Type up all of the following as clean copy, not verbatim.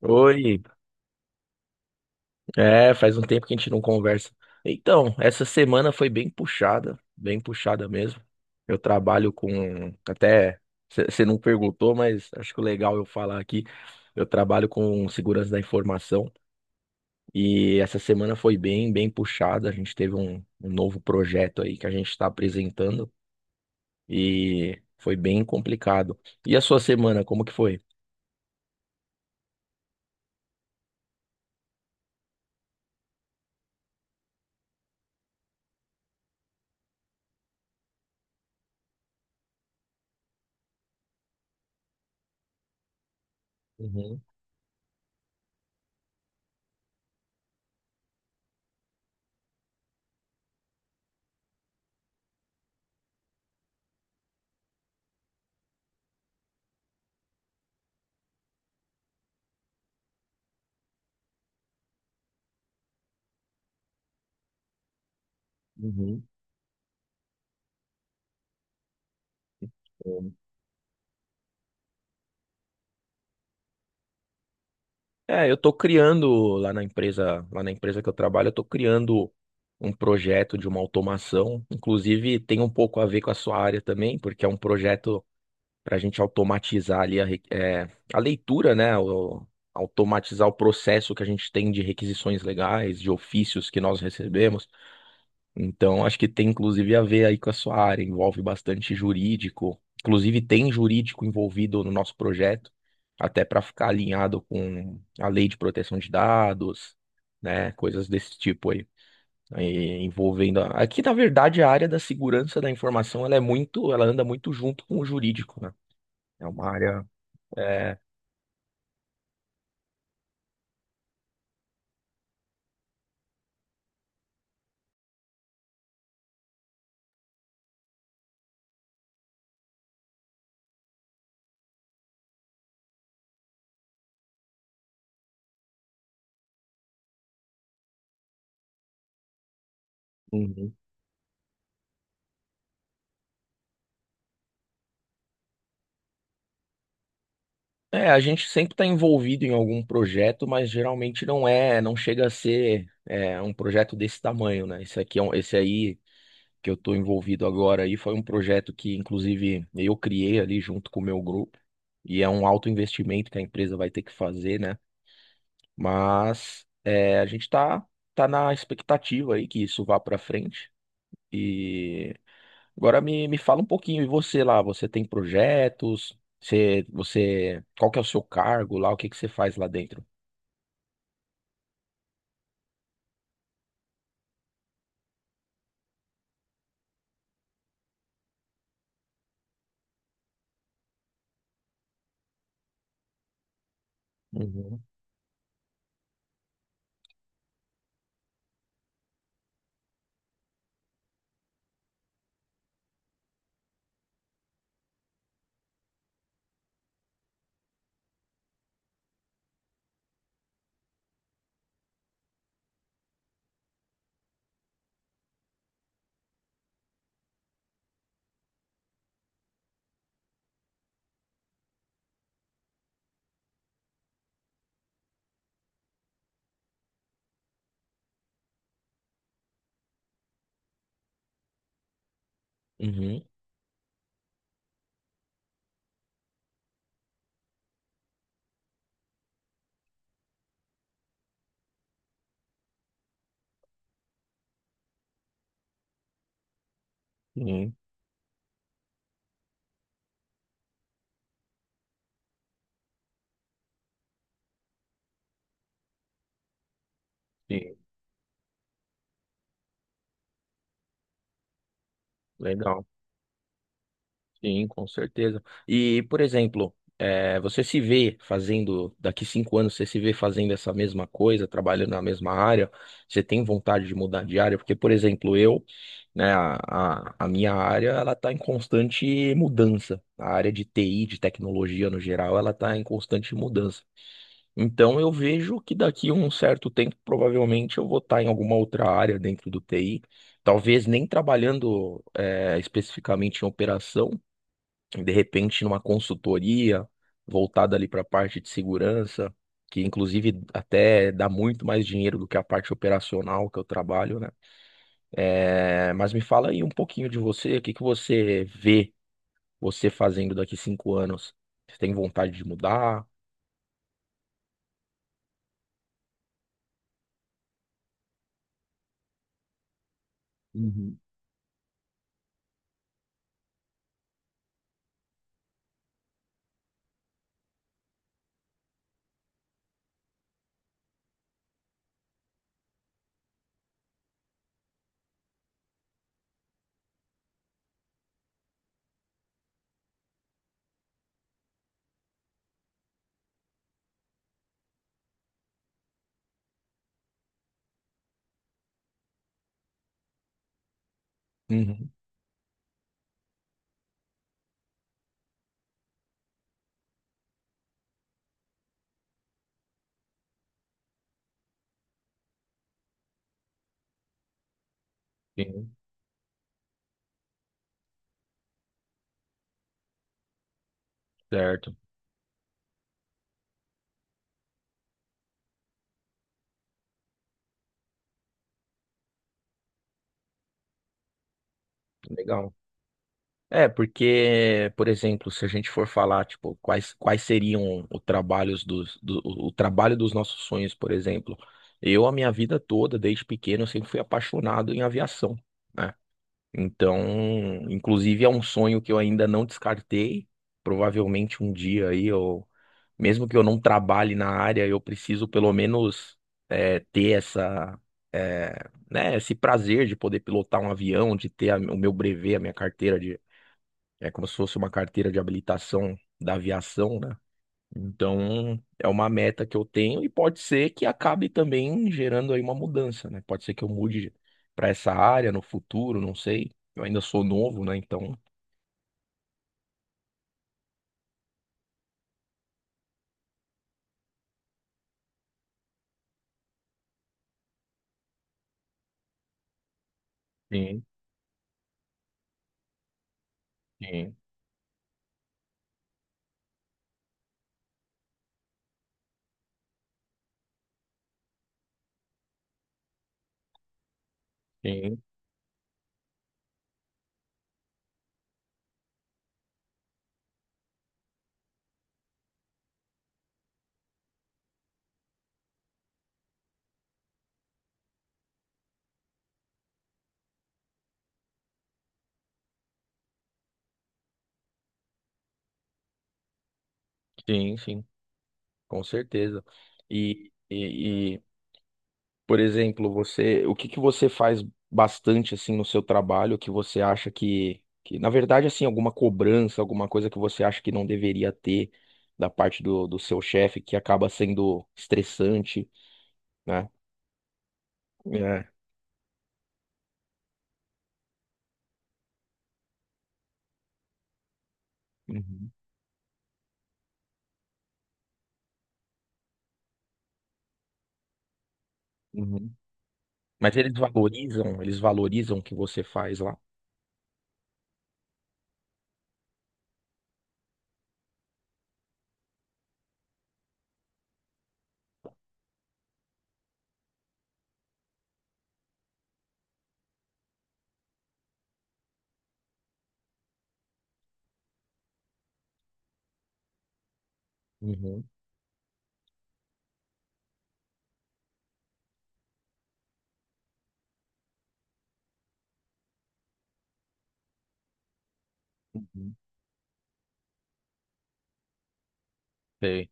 Oi, faz um tempo que a gente não conversa. Então, essa semana foi bem puxada mesmo. Eu trabalho com, até, você não perguntou, mas acho que o legal eu falar aqui, eu trabalho com segurança da informação e essa semana foi bem, bem puxada. A gente teve um novo projeto aí que a gente está apresentando e foi bem complicado. E a sua semana, como que foi? Uhum, uhum. É, eu tô criando lá na empresa que eu trabalho, eu tô criando um projeto de uma automação, inclusive tem um pouco a ver com a sua área também, porque é um projeto para a gente automatizar ali a, a leitura, né? Automatizar o processo que a gente tem de requisições legais, de ofícios que nós recebemos. Então, acho que tem inclusive a ver aí com a sua área, envolve bastante jurídico. Inclusive, tem jurídico envolvido no nosso projeto, até para ficar alinhado com a lei de proteção de dados, né? Coisas desse tipo aí. Aí, envolvendo. Aqui, na verdade, a área da segurança da informação, ela é muito, ela anda muito junto com o jurídico, né? É uma área. é, um, É, a gente sempre está envolvido em algum projeto, mas geralmente não é, não chega a ser um projeto desse tamanho, né? Esse aqui é esse aí que eu estou envolvido agora aí foi um projeto que, inclusive, eu criei ali junto com o meu grupo e é um alto investimento que a empresa vai ter que fazer, né? Mas é, a gente está tá tá na expectativa aí que isso vá para frente e agora me fala um pouquinho, e você lá, você tem projetos? Você, qual que é o seu cargo lá? O que que você faz lá dentro? Uhum. Uhum. Sim, sim. Legal. Sim, com certeza. E, por exemplo, você se vê fazendo, daqui cinco anos, você se vê fazendo essa mesma coisa, trabalhando na mesma área, você tem vontade de mudar de área? Porque, por exemplo, eu, né, a minha área, ela está em constante mudança. A área de TI, de tecnologia no geral, ela está em constante mudança. Então, eu vejo que daqui a um certo tempo, provavelmente, eu vou estar em alguma outra área dentro do TI. Talvez nem trabalhando especificamente em operação, de repente numa consultoria voltada ali para a parte de segurança, que inclusive até dá muito mais dinheiro do que a parte operacional que eu trabalho, né? É, mas me fala aí um pouquinho de você, o que que você vê você fazendo daqui cinco anos? Você tem vontade de mudar? Uhum. Uhum. Sim, certo. Legal. É, porque, por exemplo, se a gente for falar, tipo, quais, seriam os trabalhos dos, do, o trabalho dos nossos sonhos, por exemplo, eu, a minha vida toda, desde pequeno, eu sempre fui apaixonado em aviação, né? Então, inclusive, é um sonho que eu ainda não descartei. Provavelmente um dia aí, eu, mesmo que eu não trabalhe na área, eu preciso pelo menos ter essa, esse prazer de poder pilotar um avião, de ter o meu brevet, a minha carteira é como se fosse uma carteira de habilitação da aviação, né? Então, é uma meta que eu tenho e pode ser que acabe também gerando aí uma mudança, né? Pode ser que eu mude para essa área no futuro, não sei. Eu ainda sou novo, né? Então, sim, sim, sim, sim, sim, com certeza. E, e, Por exemplo, você, o que que você faz bastante assim no seu trabalho que você acha que na verdade assim, alguma cobrança, alguma coisa que você acha que não deveria ter da parte do seu chefe que acaba sendo estressante, né? É. Uhum, uhum. Mas eles valorizam o que você faz lá. Uhum, uhum. Sei.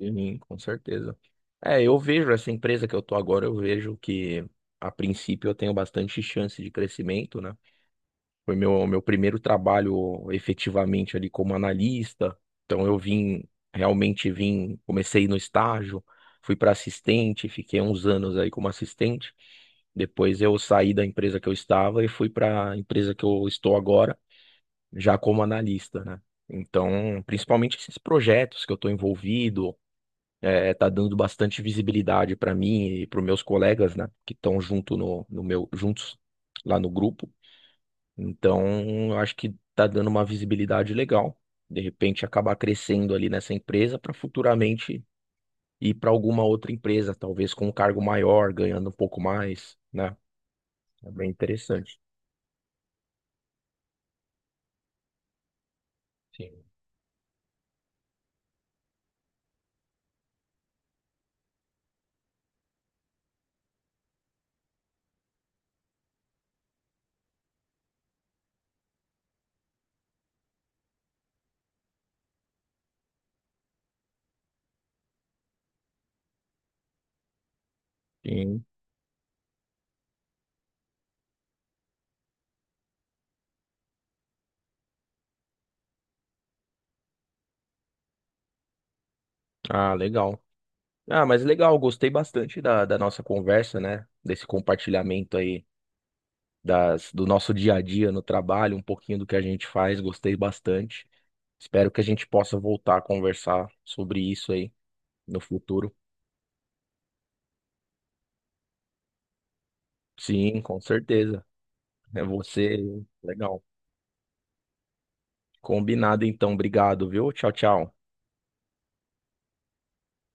Sim, com certeza. É, eu vejo essa empresa que eu tô agora, eu vejo que a princípio eu tenho bastante chance de crescimento, né? Foi meu primeiro trabalho efetivamente ali como analista. Então eu vim, realmente vim, comecei no estágio, fui para assistente, fiquei uns anos aí como assistente. Depois eu saí da empresa que eu estava e fui para a empresa que eu estou agora, já como analista, né? Então, principalmente esses projetos que eu estou envolvido, tá dando bastante visibilidade para mim e para os meus colegas, né, que estão junto no meu, juntos lá no grupo. Então, eu acho que tá dando uma visibilidade legal. De repente, acabar crescendo ali nessa empresa para futuramente ir para alguma outra empresa, talvez com um cargo maior, ganhando um pouco mais, né? É bem interessante. Sim. Sim. Ah, legal. Ah, mas legal, gostei bastante da, da nossa conversa, né? Desse compartilhamento aí das, do nosso dia a dia no trabalho, um pouquinho do que a gente faz, gostei bastante. Espero que a gente possa voltar a conversar sobre isso aí no futuro. Sim, com certeza. É você. Legal. Combinado então. Obrigado, viu? Tchau, tchau.